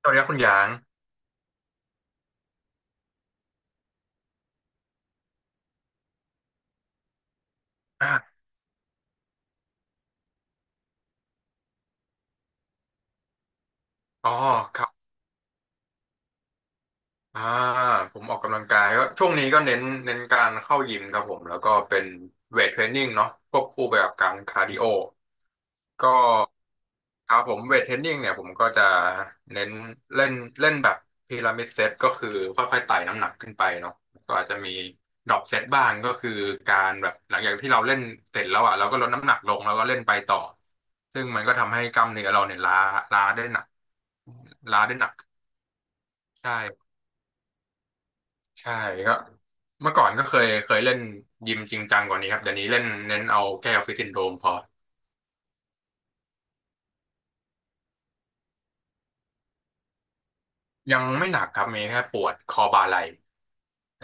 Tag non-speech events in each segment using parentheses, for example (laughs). สวัสดีครับคุณหยางอ่าอ๋อครับอ่าผมออกกำลังกายก็ช่วงนี้ก็เน้นการเข้ายิมครับผมแล้วก็เป็นเวทเทรนนิ่งเนาะควบคู่ไปกับการคาร์ดิโอก็ครับผมเวทเทรนนิ่งเนี่ยผมก็จะเน้นเล่นเล่นแบบพีระมิดเซตก็คือค่อยๆไต่น้ำหนักขึ้นไปเนาะก็อาจจะมีดรอปเซตบ้างก็คือการแบบหลังจากที่เราเล่นเสร็จแล้วอ่ะเราก็ลดน้ำหนักลงแล้วก็เล่นไปต่อซึ่งมันก็ทำให้กล้ามเนื้อเราเนี่ยล้าได้หนักล้าได้หนัก ใช่ใช่ก็เมื่อก่อนก็เคยเล่นยิมจริงจังกว่านี้ครับเดี๋ยวนี้เล่นเน้นเอาแก้อฟฟิตซินโดรมพอยังไม่หนักครับมีแค่ปวดคอบ่าไหล่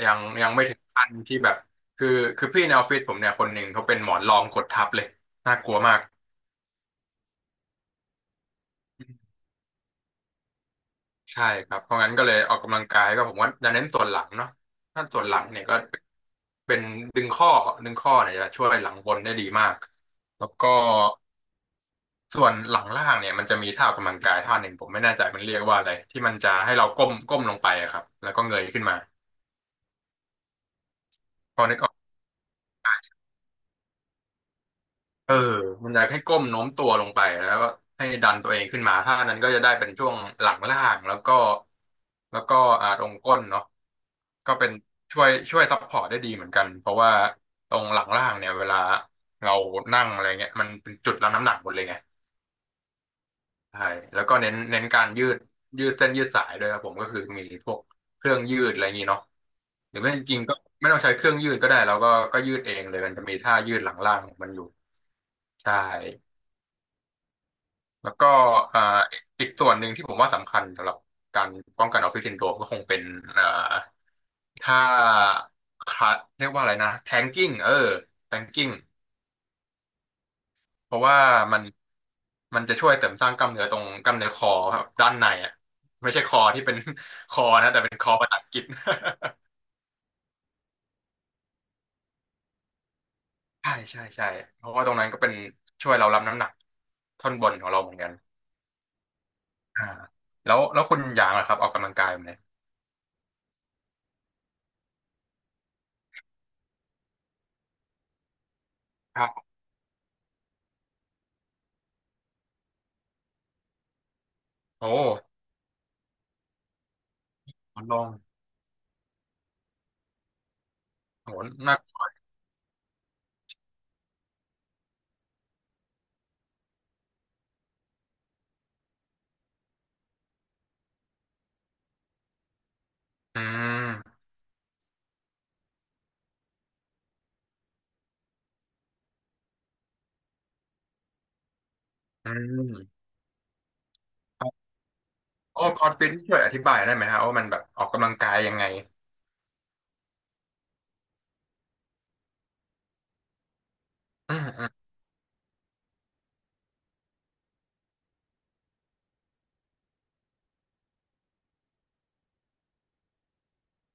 ยังไม่ถึงขั้นที่แบบคือคือพี่ในออฟฟิศผมเนี่ยคนหนึ่งเขาเป็นหมอนรองกดทับเลยน่ากลัวมากใช่ครับเพราะงั้นก็เลยออกกำลังกายก็ผมว่าจะเน้นส่วนหลังเนาะถ้าส่วนหลังเนี่ยก็เป็นดึงข้อดึงข้อเนี่ยจะช่วยหลังบนได้ดีมากแล้วก็ ส่วนหลังล่างเนี่ยมันจะมีท่าออกกำลังกายท่าหนึ่งผมไม่แน่ใจมันเรียกว่าอะไรที่มันจะให้เราก้มลงไปอะครับแล้วก็เงยขึ้นมาพอนึกออกเออมันจะให้ก้มโน้มตัวลงไปแล้วก็ให้ดันตัวเองขึ้นมาท่านั้นก็จะได้เป็นช่วงหลังล่างแล้วก็ตรงก้นเนาะก็เป็นช่วยซัพพอร์ตได้ดีเหมือนกันเพราะว่าตรงหลังล่างเนี่ยเวลาเรานั่งอะไรเงี้ยมันเป็นจุดรับน้ำหนักหมดเลยไง ใช่แล้วก็เน้นการยืดยืดเส้นยืดสายด้วยครับผมก็คือมีพวกเครื่องยืดอะไรอย่างนี้เนาะหรือไม่จริงๆก็ไม่ต้องใช้เครื่องยืดก็ได้เราก็ยืดเองเลยมันจะมีท่ายืดหลังล่างของมันอยู่ใช่แล้วก็เอ่าอีกส่วนหนึ่งที่ผมว่าสำคัญสำหรับการป้องกันออฟฟิศซินโดรมก็คงเป็นเอ่าท่าคลาสเรียกว่าอะไรนะแทงกิ้งเออแทงกิ้ง เพราะว่ามันมันจะช่วยเสริมสร้างกล้ามเนื้อตรงกล้ามเนื้อคอครับด้านในอ่ะไม่ใช่คอที่เป็น (laughs) คอนะแต่เป็นคอภาษาอังกฤษ (laughs) ใช่ใช่ใช่เพราะว่าตรงนั้นก็เป็นช่วยเรารับน้ำหนักท่อนบนของเราเหมือนกันอ่าแล้วคุณหยางล่ะครับออกกำลังกายแบบไหนครับโอ้ลอลองโหนักอืมอืมครับโอ้คอร์สฟิตช่วยอธิบายได้ไหมฮะว่ามันแบบออกกำลังกายยังไงอืมอืม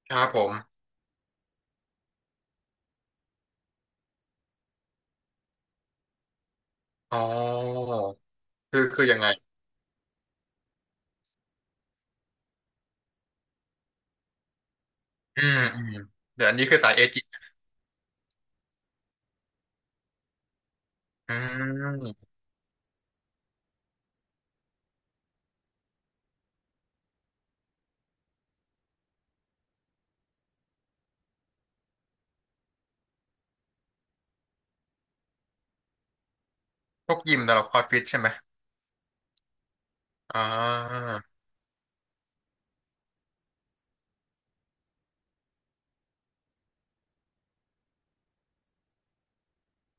ครับผมอ๋อคือยังไง อืมอืมเดี๋ยวอันนี้คือสายเอจิอืมพวกยิมสำหรับคอร์สฟิตใช่ไหมอ่า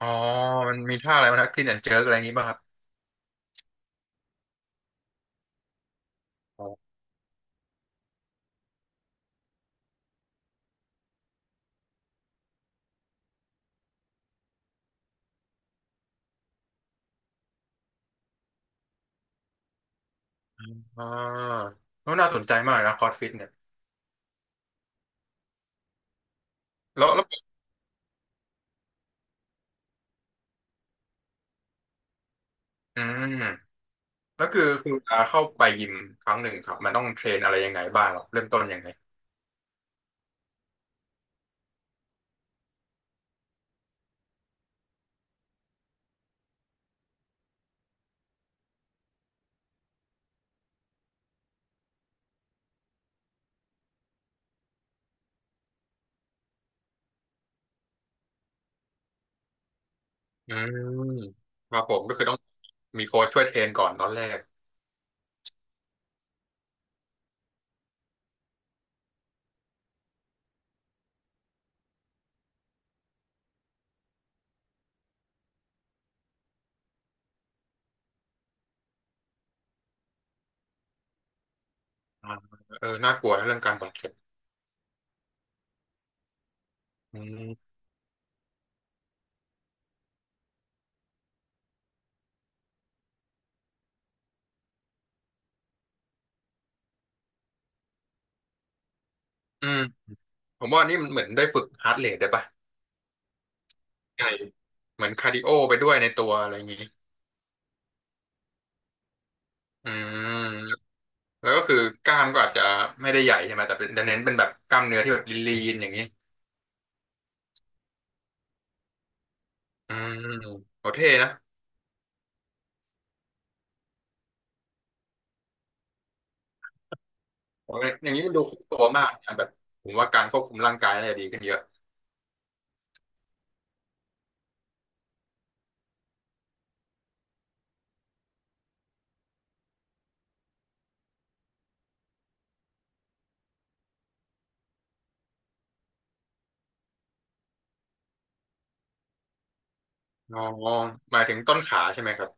อ๋อมันมีท่าอะไรบ้างนะคลีนแอนด์เจิร์กอะไรอย่างนี้ป่ะครับอ๋ออ่าแล้วน่าสนใจมากนะคอร์สฟิตเนี่ยแล้วอืมแล้วคือเวลาเข้าไปยิมครั้งหนึ่งครับมันต้องเทรนอะไรยังไงบ้างหรอเริ่มต้นยังไงอืมครับผมก็คือต้องมีโค้ชช่วยเทรนก่อนตอนแรกอ่าเออน่ากลัวนะเรื่องการบาดเจ็บอืมอืมผมว่านี่มันเหมือนได้ฝึกฮาร์ดเรทได้ปะ ใช่เหมือนคาร์ดิโอไปด้วยในตัวอะไรอย่างนี้อืมแล้วก็คือกล้ามก็อาจจะไม่ได้ใหญ่ใช่ไหมแต่เป็นแต่เน้นเป็นแบบกล้ามเนื้อที่แบบลีนๆอย่างนี้อืมโหเท่นะโอ้ยอย่างนี้มันดูครบตัวมากนะแบบผมว่าการควบคุมร่างกายน่าจะดีขึ้นเยอะอ๋อหมายถึงต้นขาใช่ไหมครับ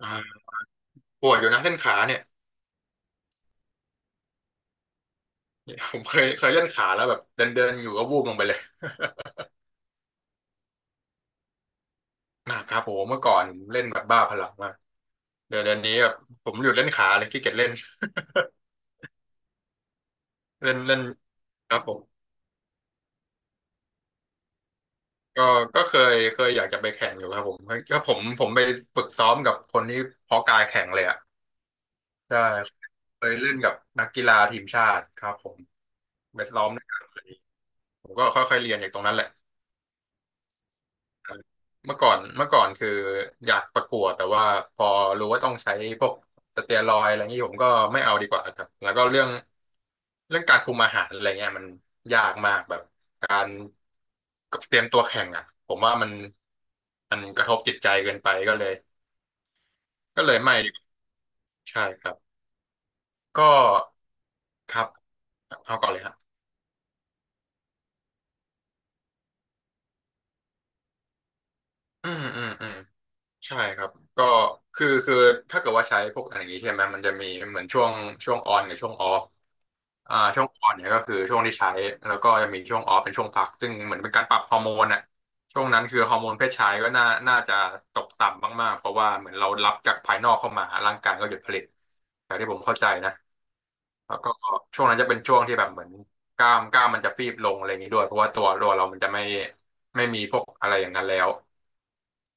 อ่าปวดอยู่นะเส้นขาเนี่ยผมเคยเล่นขาแล้วแบบเดินเดินอยู่ก็วูบลงไปเลยหนักครับผมเมื่อก่อนเล่นแบบบ้าพลังมากเดี๋ยวนี้แบบผมหยุดเล่นขาเลยขี้เกียจเล่น เล่นเล่นครับผมก็ก็เคยอยากจะไปแข่งอยู่ครับผมก็ผมไปฝึกซ้อมกับคนที่เพาะกายแข่งเลยอ่ะใช่เคยเล่นกับนักกีฬาทีมชาติครับผมไปซ้อมด้วยกันเลยผมก็ค่อยๆเรียนจากตรงนั้นแหละ เมื่อก่อนคืออยากประกวดแต่ว่าพอรู้ว่าต้องใช้พวกสเตียรอยด์อะไรงนี้ผมก็ไม่เอาดีกว่าครับแล้วก็เรื่องการคุมอาหารอะไรเงี้ยมันยากมากแบบการเตรียมตัวแข่งอ่ะผมว่ามันกระทบจิตใจเกินไปก็เลยไม่ดีกว่าใช่ครับก็ครับเอาก่อนเลยครับอืมอืมอืม ใช่ครับก็คือถ้าเกิดว่าใช้พวกอะไรอย่างนี้ใช่ไหมมันจะมีเหมือนช่วงออนกับช่วงออฟช่วงออนเนี่ยก็คือช่วงที่ใช้แล้วก็จะมีช่วงออฟเป็นช่วงพักซึ่งเหมือนเป็นการปรับฮอร์โมนอ่ะช่วงนั้นคือฮอร์โมนเพศชายก็น่าจะตกต่ำมากๆเพราะว่าเหมือนเรารับจากภายนอกเข้ามาร่างกายก็หยุดผลิตจากที่ผมเข้าใจนะแล้วก็ช่วงนั้นจะเป็นช่วงที่แบบเหมือนกล้ามกล้ามมันจะฟีบลงอะไรอย่างนี้ด้วยเพราะว่าตัวเรามันจะไม่มีพวกอะไรอย่างนั้นแล้ว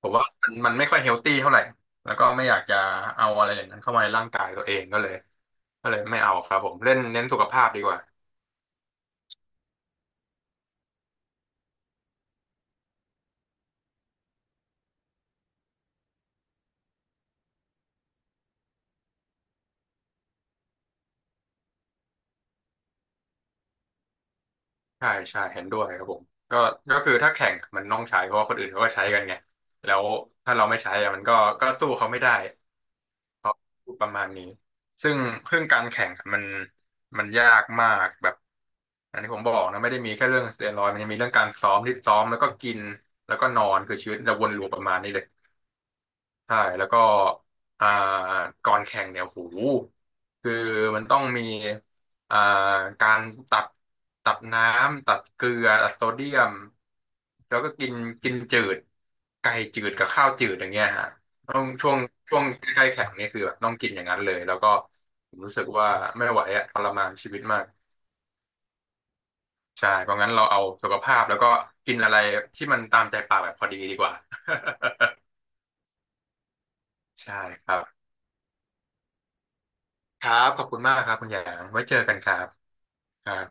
ผมว่ามันไม่ค่อยเฮลตี้เท่าไหร่แล้วก็ไม่อยากจะเอาอะไรอย่างนั้นเข้ามาในร่างกายตัวเองก็เลยไม่เอาครับผมเล่นเน้นสุขภาพดีกว่าใช่ใช่เห็นด้วยครับผมก็ก็คือถ้าแข่งมันต้องใช้เพราะว่าคนอื่นเขาก็ใช้กันไงแล้วถ้าเราไม่ใช้อะมันก็สู้เขาไม่ได้เพราะประมาณนี้ซึ่งเรื่องการแข่งอะมันยากมากแบบอันนี้ผมบอกนะไม่ได้มีแค่เรื่องสเตียรอยด์มันยังมีเรื่องการซ้อมที่ซ้อมแล้วก็กินแล้วก็นอนคือชีวิตจะวนลูปประมาณนี้เลย ใช่แล้วก็อ่าก่อนแข่งเนี่ยโหคือมันต้องมีอ่าการตัดตัดน้ำตัดเกลือตัดโซเดียมแล้วก็กินกินจืดไก่จืดกับข้าวจืดอย่างเงี้ยฮะต้องช่วงใกล้ๆแข่งนี่คือแบบต้องกินอย่างนั้นเลยแล้วก็ผมรู้สึกว่าไม่ไหวอะทรมานชีวิตมากใช่เพราะงั้นเราเอาสุขภาพแล้วก็กินอะไรที่มันตามใจปากแบบพอดีดีกว่า (laughs) ใช่ครับ ครับขอบคุณมากครับคุณหยางไว้เจอกันครับครับ